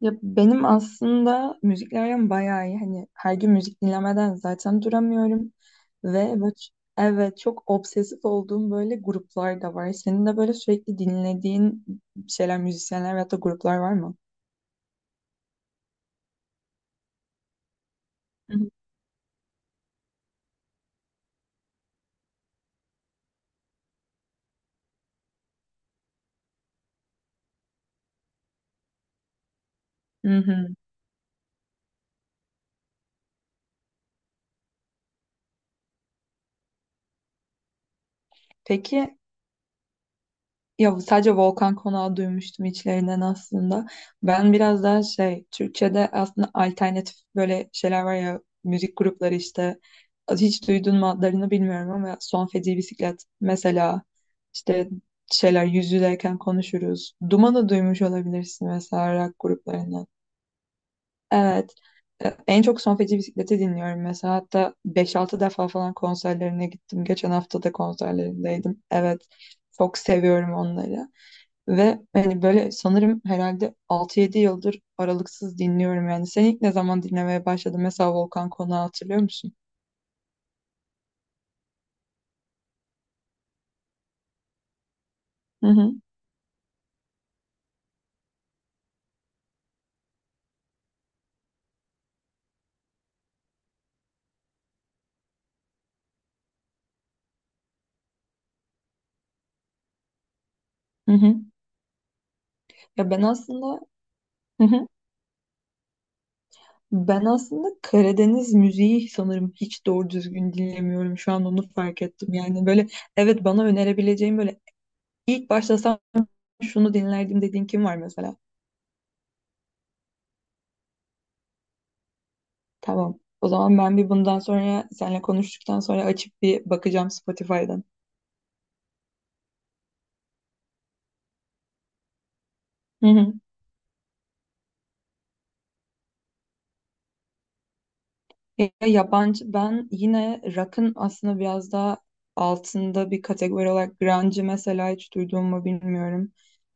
Ya benim aslında müzikle aram bayağı iyi. Hani her gün müzik dinlemeden zaten duramıyorum. Ve bu, evet çok obsesif olduğum böyle gruplar da var. Senin de böyle sürekli dinlediğin şeyler, müzisyenler veyahut da gruplar var mı? Hı hı. Hı hı. Peki, ya bu sadece Volkan Konak'ı duymuştum içlerinden aslında. Ben biraz daha şey, Türkçe'de aslında alternatif böyle şeyler var ya, müzik grupları işte. Hiç duydun mu adlarını bilmiyorum ama Son Feci Bisiklet mesela işte şeyler yüz yüzeyken konuşuruz. Duman'ı duymuş olabilirsin mesela rock gruplarından. Evet. En çok Son Feci Bisiklet'i dinliyorum mesela. Hatta beş altı defa falan konserlerine gittim. Geçen hafta da konserlerindeydim. Evet. Çok seviyorum onları. Ve hani böyle sanırım herhalde altı yedi yıldır aralıksız dinliyorum yani. Sen ilk ne zaman dinlemeye başladın? Mesela Volkan Konak'ı hatırlıyor musun? Hı hı, hı hı. Ya ben aslında hı hı. Ben aslında Karadeniz müziği sanırım hiç doğru düzgün dinlemiyorum. Şu an onu fark ettim. Yani böyle evet, bana önerebileceğim böyle ilk başlasam şunu dinlerdim dediğin kim var mesela? Tamam. O zaman ben bir bundan sonra seninle konuştuktan sonra açıp bir bakacağım Spotify'dan. Hı hı. Ya yabancı ben yine rock'ın aslında biraz daha altında bir kategori olarak grunge'ı mesela hiç duyduğumu bilmiyorum.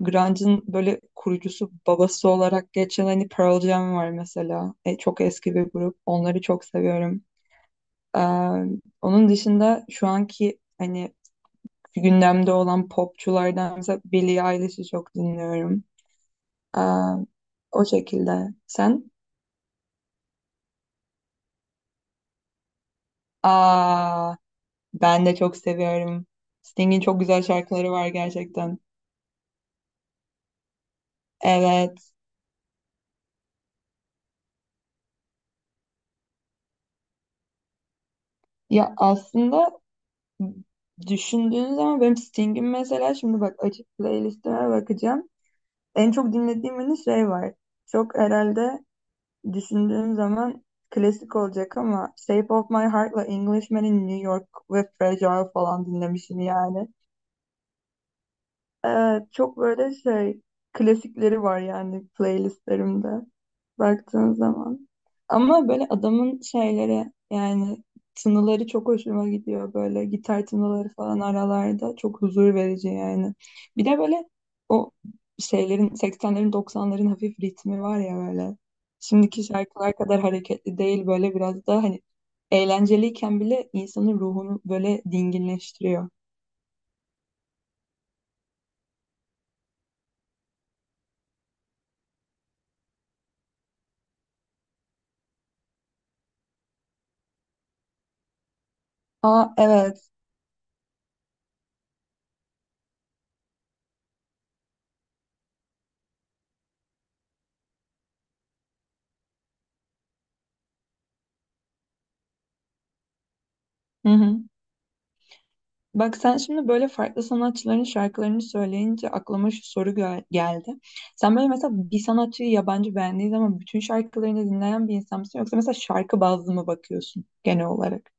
Grunge'ın böyle kurucusu babası olarak geçen hani Pearl Jam var mesela. Çok eski bir grup. Onları çok seviyorum. Ee, onun dışında şu anki hani gündemde olan popçulardan mesela Billie Eilish'i çok dinliyorum. Ee, o şekilde. Sen? Aa, ben de çok seviyorum. Sting'in çok güzel şarkıları var gerçekten. Evet. Ya aslında düşündüğün zaman benim Sting'in mesela şimdi bak açık playlistime bakacağım. En çok dinlediğim hani şey var. Çok herhalde düşündüğüm zaman klasik olacak ama Shape of My Heart'la Englishman'in New York ve Fragile falan dinlemişim yani. Evet, çok böyle şey klasikleri var yani playlistlerimde baktığın zaman. Ama böyle adamın şeyleri yani tınıları çok hoşuma gidiyor böyle gitar tınıları falan aralarda çok huzur verici yani. Bir de böyle o şeylerin 80'lerin 90'ların hafif ritmi var ya böyle. Şimdiki şarkılar kadar hareketli değil böyle biraz daha hani eğlenceliyken bile insanın ruhunu böyle dinginleştiriyor. Aa evet. Hı hı. Bak sen şimdi böyle farklı sanatçıların şarkılarını söyleyince aklıma şu soru geldi. Sen böyle mesela bir sanatçıyı yabancı beğendiğin zaman bütün şarkılarını dinleyen bir insan mısın? Yoksa mesela şarkı bazlı mı bakıyorsun genel olarak?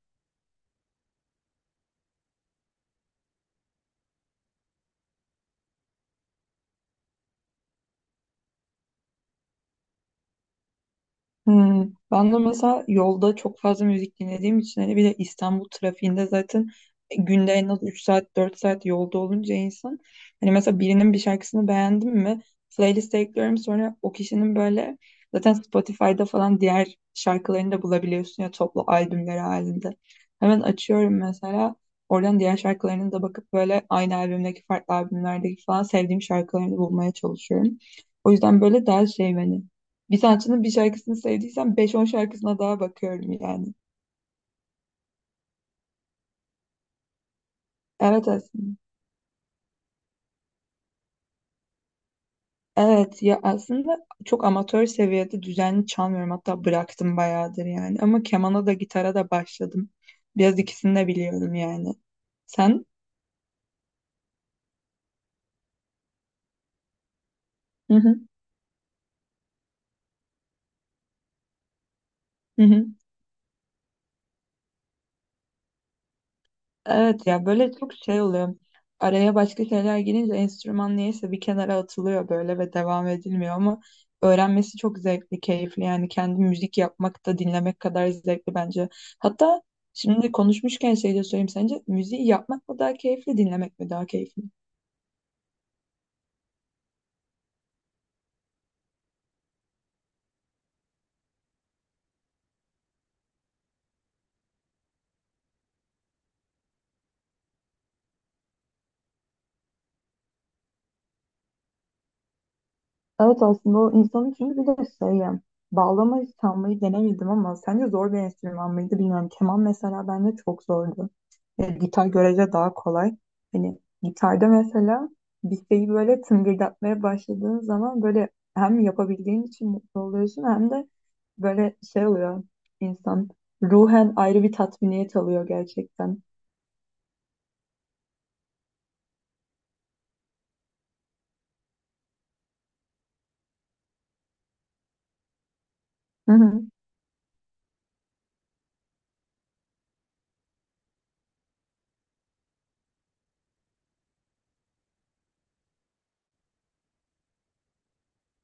Hmm, ben de mesela yolda çok fazla müzik dinlediğim için hani bir de İstanbul trafiğinde zaten günde en az 3 saat 4 saat yolda olunca insan hani mesela birinin bir şarkısını beğendim mi playlist'e ekliyorum sonra o kişinin böyle zaten Spotify'da falan diğer şarkılarını da bulabiliyorsun ya toplu albümleri halinde. Hemen açıyorum mesela oradan diğer şarkılarını da bakıp böyle aynı albümdeki farklı albümlerdeki falan sevdiğim şarkılarını bulmaya çalışıyorum. O yüzden böyle daha şey hani bir sanatçının bir şarkısını sevdiysem beş on şarkısına daha bakıyorum yani. Evet aslında. Evet ya aslında çok amatör seviyede düzenli çalmıyorum. Hatta bıraktım bayağıdır yani. Ama kemana da gitara da başladım. Biraz ikisini de biliyorum yani. Sen? Hı hı. Hı hı. Evet ya böyle çok şey oluyor. Araya başka şeyler girince enstrüman niyeyse bir kenara atılıyor böyle ve devam edilmiyor ama öğrenmesi çok zevkli, keyifli. Yani kendi müzik yapmak da dinlemek kadar zevkli bence. Hatta şimdi konuşmuşken şey de söyleyeyim sence müziği yapmak mı daha keyifli, dinlemek mi daha keyifli? Evet aslında o insanın çünkü bir de şey ya, bağlamayı çalmayı denemedim ama sence zor bir enstrüman mıydı bilmiyorum. Keman mesela bende çok zordu. Gitar görece daha kolay. Hani gitarda mesela bir şeyi böyle tıngırdatmaya başladığın zaman böyle hem yapabildiğin için mutlu oluyorsun hem de böyle şey oluyor insan ruhen ayrı bir tatminiyet alıyor gerçekten.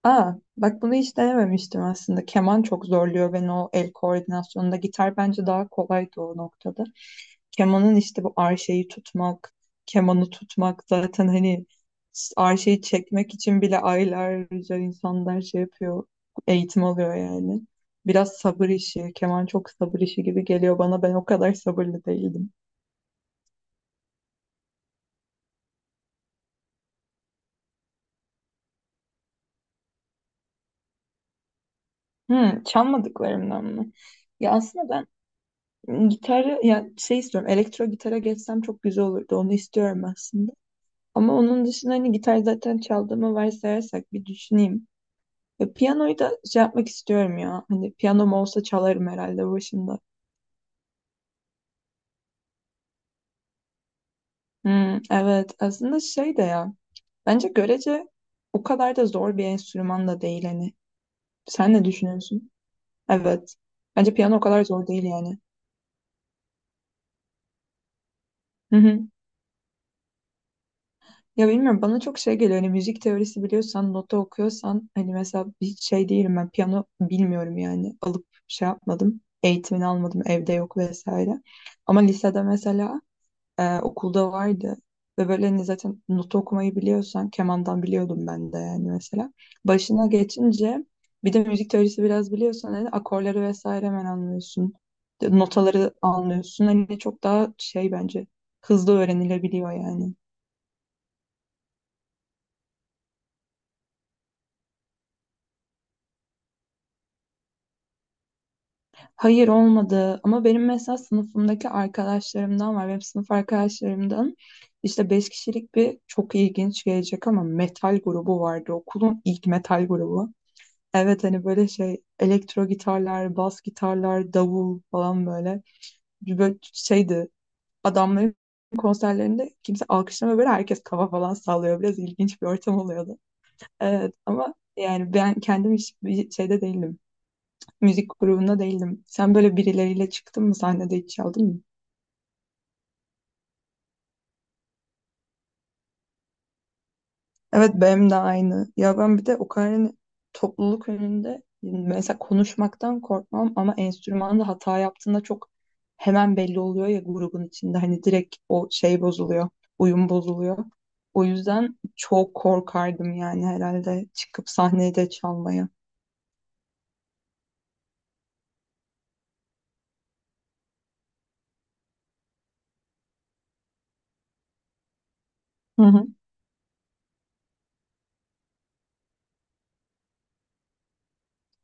Aa, bak bunu hiç denememiştim aslında. Keman çok zorluyor beni o el koordinasyonunda. Gitar bence daha kolaydı o noktada. Kemanın işte bu arşeyi tutmak, kemanı tutmak zaten hani arşeyi çekmek için bile aylarca insanlar şey yapıyor, eğitim alıyor yani. Biraz sabır işi, keman çok sabır işi gibi geliyor bana. Ben o kadar sabırlı değildim. Hmm, çalmadıklarımdan mı? Ya aslında ben gitarı yani şey istiyorum elektro gitara geçsem çok güzel olurdu onu istiyorum aslında. Ama onun dışında hani gitar zaten çaldığımı varsayarsak bir düşüneyim. Piyanoyu da şey yapmak istiyorum ya hani piyanom olsa çalarım herhalde başında. Hmm, evet aslında şey de ya bence görece o kadar da zor bir enstrüman da değil hani. Sen ne düşünüyorsun? Evet bence piyano o kadar zor değil yani. Ya bilmiyorum bana çok şey geliyor. Hani müzik teorisi biliyorsan, nota okuyorsan hani mesela hiç şey değilim ben piyano bilmiyorum yani. Alıp şey yapmadım. Eğitimini almadım. Evde yok vesaire. Ama lisede mesela okulda vardı. Ve böyle hani zaten nota okumayı biliyorsan kemandan biliyordum ben de yani mesela. Başına geçince bir de müzik teorisi biraz biliyorsan hani akorları vesaire hemen anlıyorsun. Notaları anlıyorsun. Hani çok daha şey bence hızlı öğrenilebiliyor yani. Hayır olmadı ama benim mesela sınıfımdaki arkadaşlarımdan var. Benim sınıf arkadaşlarımdan işte beş kişilik bir çok ilginç gelecek ama metal grubu vardı. Okulun ilk metal grubu. Evet hani böyle şey elektro gitarlar, bas gitarlar, davul falan böyle. Bir böyle şeydi adamların konserlerinde kimse alkışlamıyor böyle herkes kafa falan sallıyor. Biraz ilginç bir ortam oluyordu. Evet ama yani ben kendim hiç bir şeyde değilim müzik grubunda değildim. Sen böyle birileriyle çıktın mı sahnede hiç çaldın mı? Evet benim de aynı. Ya ben bir de o kadar hani topluluk önünde mesela konuşmaktan korkmam ama enstrümanda hata yaptığında çok hemen belli oluyor ya grubun içinde hani direkt o şey bozuluyor, uyum bozuluyor. O yüzden çok korkardım yani herhalde çıkıp sahnede çalmaya. Hı hı.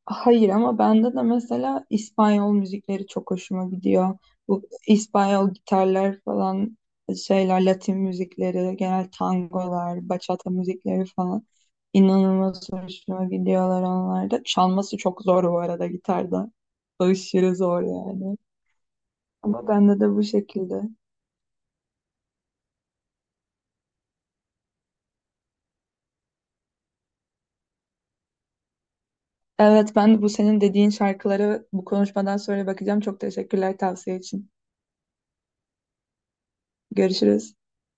Hayır ama bende de mesela İspanyol müzikleri çok hoşuma gidiyor. Bu İspanyol gitarlar falan şeyler, Latin müzikleri, genel tangolar, bachata müzikleri falan inanılmaz hoşuma gidiyorlar onlar da. Çalması çok zor bu arada gitarda. Aşırı zor yani. Ama bende de bu şekilde. Evet ben de bu senin dediğin şarkılara bu konuşmadan sonra bakacağım. Çok teşekkürler tavsiye için. Görüşürüz.